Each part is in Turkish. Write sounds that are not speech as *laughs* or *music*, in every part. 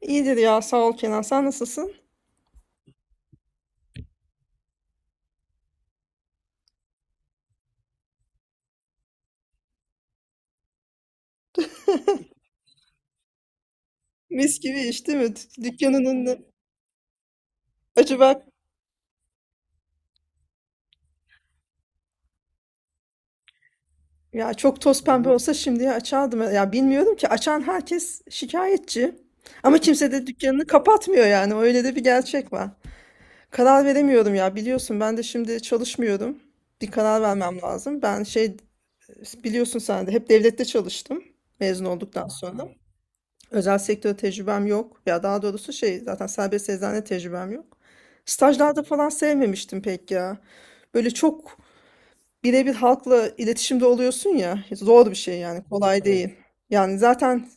İyidir ya sağ ol Kenan. Sen nasılsın? Mis gibi iş değil mi? Dükkanın önünde. Acaba ya çok toz pembe olsa şimdiye açardım. Ya bilmiyorum ki açan herkes şikayetçi. Ama kimse de dükkanını kapatmıyor yani. Öyle de bir gerçek var. Karar veremiyorum ya biliyorsun ben de şimdi çalışmıyorum. Bir karar vermem lazım. Ben şey, biliyorsun sen de hep devlette çalıştım mezun olduktan sonra. Özel sektör tecrübem yok. Ya daha doğrusu şey, zaten serbest eczane tecrübem yok. Stajlarda falan sevmemiştim pek ya. Böyle çok birebir halkla iletişimde oluyorsun ya. Zor bir şey yani. Kolay, evet, değil. Yani zaten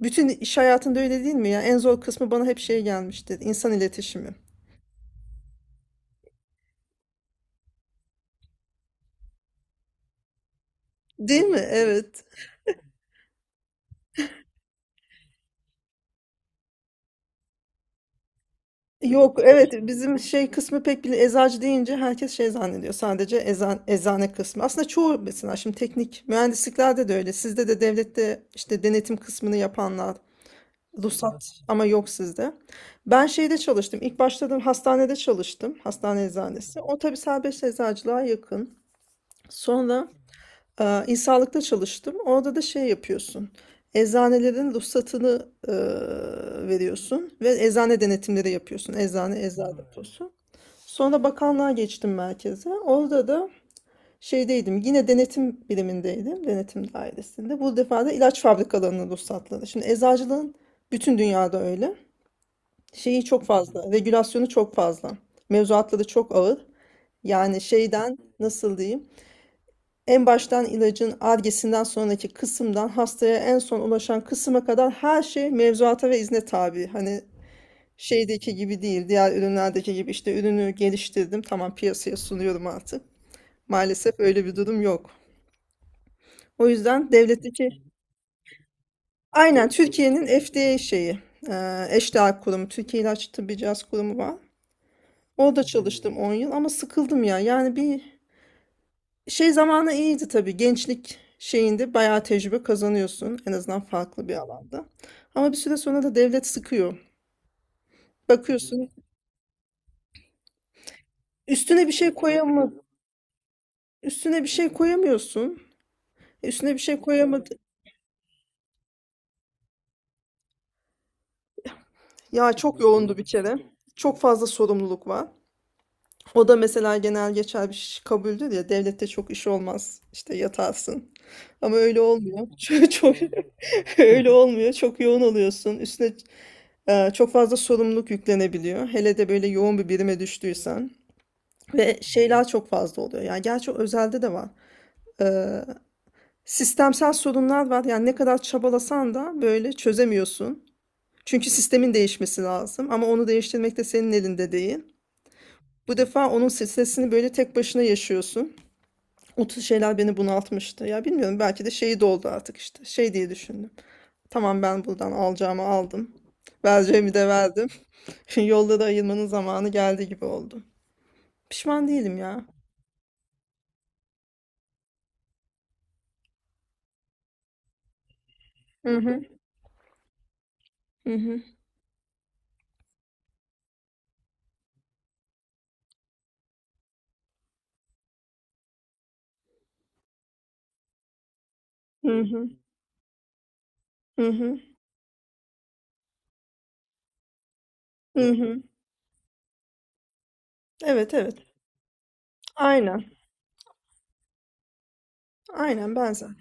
bütün iş hayatında öyle değil mi ya? En zor kısmı bana hep şey gelmiştir. İnsan iletişimi. Değil mi? Evet. Yok evet, bizim şey kısmı pek bile, eczacı deyince herkes şey zannediyor, sadece ezan, eczane kısmı. Aslında çoğu, mesela şimdi teknik mühendisliklerde de öyle. Sizde de devlette işte denetim kısmını yapanlar, ruhsat ama yok sizde. Ben şeyde çalıştım. İlk başladığım hastanede çalıştım. Hastane eczanesi. O tabii serbest eczacılığa yakın. Sonra İnsanlıkta çalıştım. Orada da şey yapıyorsun. Eczanelerin ruhsatını veriyorsun ve eczane denetimleri yapıyorsun. Eczane, eczane deposu. Sonra bakanlığa geçtim merkeze. Orada da şeydeydim. Yine denetim birimindeydim. Denetim dairesinde. Bu defa da ilaç fabrikalarının ruhsatları. Şimdi eczacılığın bütün dünyada öyle. Şeyi çok fazla. Regülasyonu çok fazla. Mevzuatları çok ağır. Yani şeyden, nasıl diyeyim? En baştan ilacın Ar-Ge'sinden sonraki kısımdan hastaya en son ulaşan kısma kadar her şey mevzuata ve izne tabi. Hani şeydeki gibi değil, diğer ürünlerdeki gibi işte ürünü geliştirdim, tamam piyasaya sunuyorum artık. Maalesef öyle bir durum yok. O yüzden devletteki aynen Türkiye'nin FDA şeyi, eşdeğer kurumu, Türkiye İlaç Tıbbi Cihaz Kurumu var. Orada çalıştım 10 yıl ama sıkıldım ya. Yani bir şey zamanı iyiydi tabii. Gençlik şeyinde bayağı tecrübe kazanıyorsun. En azından farklı bir alanda. Ama bir süre sonra da devlet sıkıyor. Bakıyorsun üstüne bir şey koyamı üstüne bir şey koyamıyorsun. Üstüne bir şey koyamadı. Ya çok yoğundu bir kere. Çok fazla sorumluluk var. O da mesela genel geçer bir şey, kabuldür ya devlette çok iş olmaz. İşte yatarsın. Ama öyle olmuyor. *laughs* Çok, çok *laughs* öyle olmuyor. Çok yoğun oluyorsun. Üstüne çok fazla sorumluluk yüklenebiliyor. Hele de böyle yoğun bir birime düştüysen. Ve şeyler çok fazla oluyor. Yani gerçi o özelde de var. Ee, Sistemsel sorunlar var. Yani ne kadar çabalasan da böyle çözemiyorsun. Çünkü sistemin değişmesi lazım. Ama onu değiştirmek de senin elinde değil. Bu defa onun stresini böyle tek başına yaşıyorsun. O tür şeyler beni bunaltmıştı. Ya bilmiyorum, belki de şeyi doldu artık işte. Şey diye düşündüm. Tamam, ben buradan alacağımı aldım. Vereceğimi de verdim. *laughs* Şimdi yolda da ayırmanın zamanı geldi gibi oldu. Pişman değilim ya. Hı hı. Hı hı. Hı hı. Hı hı. Hı hı. Evet, evet. Aynen. Aynen benzer.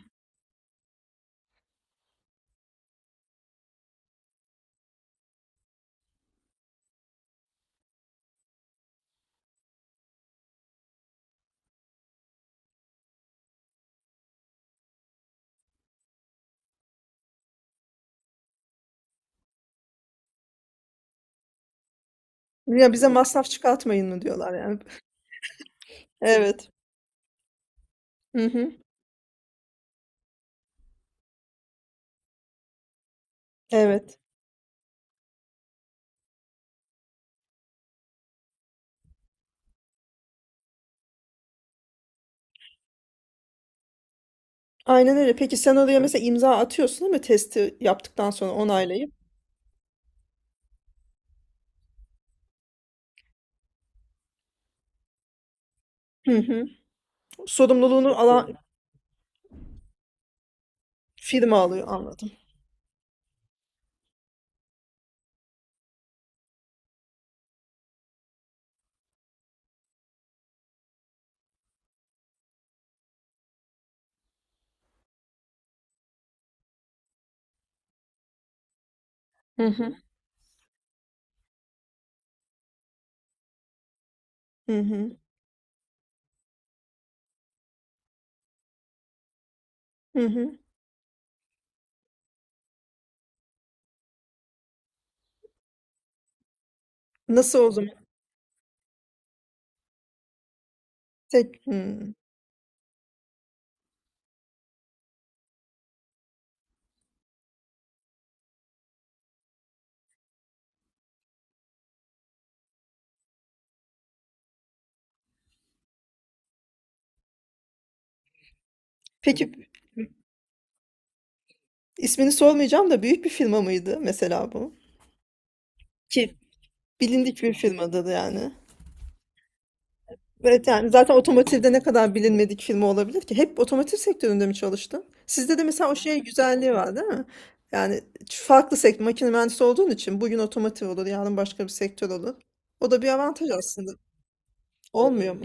Ya bize masraf çıkartmayın mı diyorlar yani. Evet. Hı hı. Evet. Aynen öyle. Peki sen oraya mesela imza atıyorsun değil mi? Testi yaptıktan sonra onaylayıp. Hı hı. Sorumluluğunu alan firma alıyor, anladım. Hı hı. Hı hı. Hı hı. Nasıl o zaman? Tek. Hı. Peki, ismini sormayacağım da büyük bir firma mıydı mesela bu? Ki bilindik bir firmadır yani. Evet, yani zaten otomotivde ne kadar bilinmedik firma olabilir ki? Hep otomotiv sektöründe mi çalıştın? Sizde de mesela o şey güzelliği var değil mi? Yani farklı sektör, makine mühendisi olduğun için bugün otomotiv olur, yarın başka bir sektör olur. O da bir avantaj aslında. Olmuyor mu?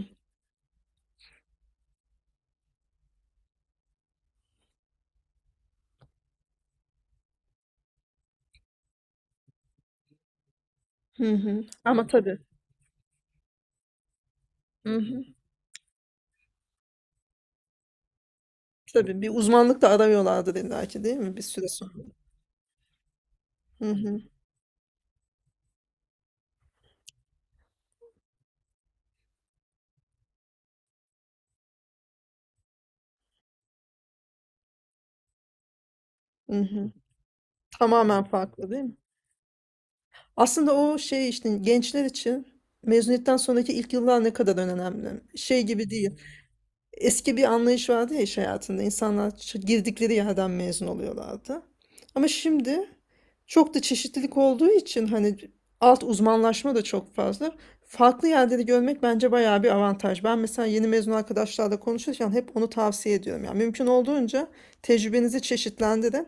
Hı hı. Ama tabii. Hı hı. Tabii bir uzmanlık da aramıyorlardır illa ki değil mi? Bir süre sonra. Hı hı. Hı hı. Tamamen farklı değil mi? Aslında o şey işte, gençler için mezuniyetten sonraki ilk yıllar ne kadar önemli. Şey gibi değil, eski bir anlayış vardı ya iş hayatında. İnsanlar girdikleri yerden mezun oluyorlardı. Ama şimdi çok da çeşitlilik olduğu için hani alt uzmanlaşma da çok fazla. Farklı yerleri görmek bence bayağı bir avantaj. Ben mesela yeni mezun arkadaşlarla konuşurken hep onu tavsiye ediyorum. Yani mümkün olduğunca tecrübenizi çeşitlendirin.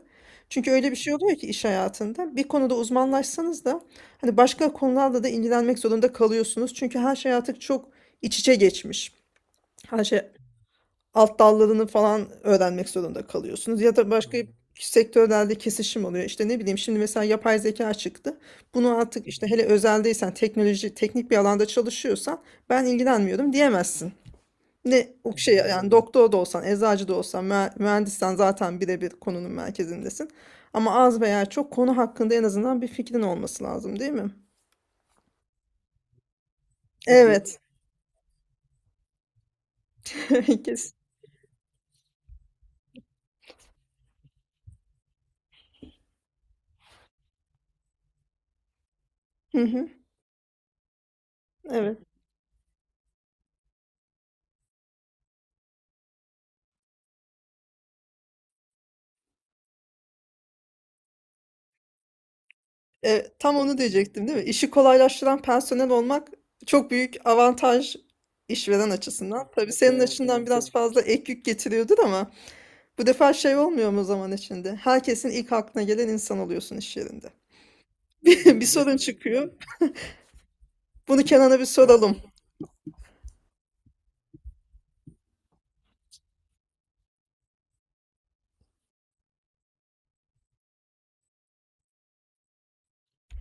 Çünkü öyle bir şey oluyor ki iş hayatında bir konuda uzmanlaşsanız da hani başka konularla da ilgilenmek zorunda kalıyorsunuz. Çünkü her şey artık çok iç içe geçmiş. Her şey, alt dallarını falan öğrenmek zorunda kalıyorsunuz. Ya da başka sektörlerde kesişim oluyor. İşte ne bileyim, şimdi mesela yapay zeka çıktı. Bunu artık işte, hele özeldeysen, teknoloji, teknik bir alanda çalışıyorsan ben ilgilenmiyorum diyemezsin. Ne o şey yani, doktor da olsan, eczacı da olsan, mühendissen zaten birebir konunun merkezindesin. Ama az veya çok konu hakkında en azından bir fikrin olması lazım, değil mi? Evet. *laughs* Kes. Hı hı. Evet. Tam onu diyecektim değil mi? İşi kolaylaştıran personel olmak çok büyük avantaj işveren açısından. Tabii senin açından biraz fazla ek yük getiriyordur ama bu defa şey olmuyor mu zaman içinde? Herkesin ilk aklına gelen insan oluyorsun iş yerinde. *laughs* Bir sorun çıkıyor. Bunu Kenan'a bir soralım.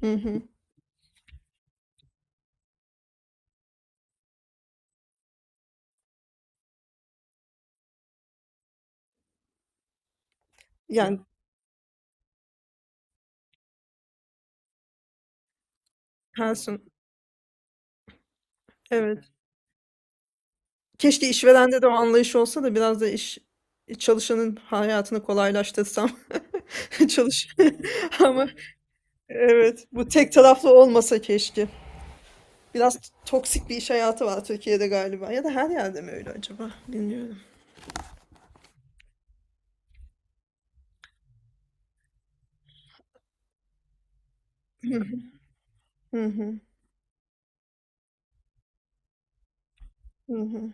Hı hı. Yani personel. Evet. Keşke işverende de o anlayış olsa da biraz da iş çalışanın hayatını kolaylaştırsam. *laughs* Çalış. *laughs* Ama evet, bu tek taraflı olmasa keşke. Biraz toksik bir iş hayatı var Türkiye'de galiba. Ya da her yerde mi öyle acaba? Bilmiyorum. *laughs* Hı hı, hı hı.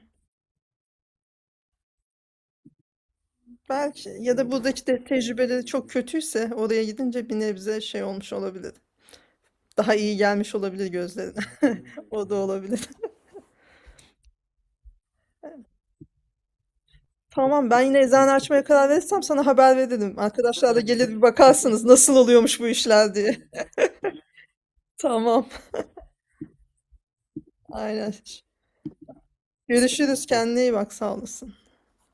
Belki, ya da buradaki de tecrübeleri çok kötüyse oraya gidince bir nebze şey olmuş olabilir. Daha iyi gelmiş olabilir gözlerine. *laughs* O da olabilir. Tamam, ben yine eczane açmaya karar verirsem sana haber veririm. Arkadaşlar da gelir bir bakarsınız nasıl oluyormuş bu işler diye. *laughs* Tamam. Aynen. Görüşürüz. Kendine iyi bak. Sağ olasın.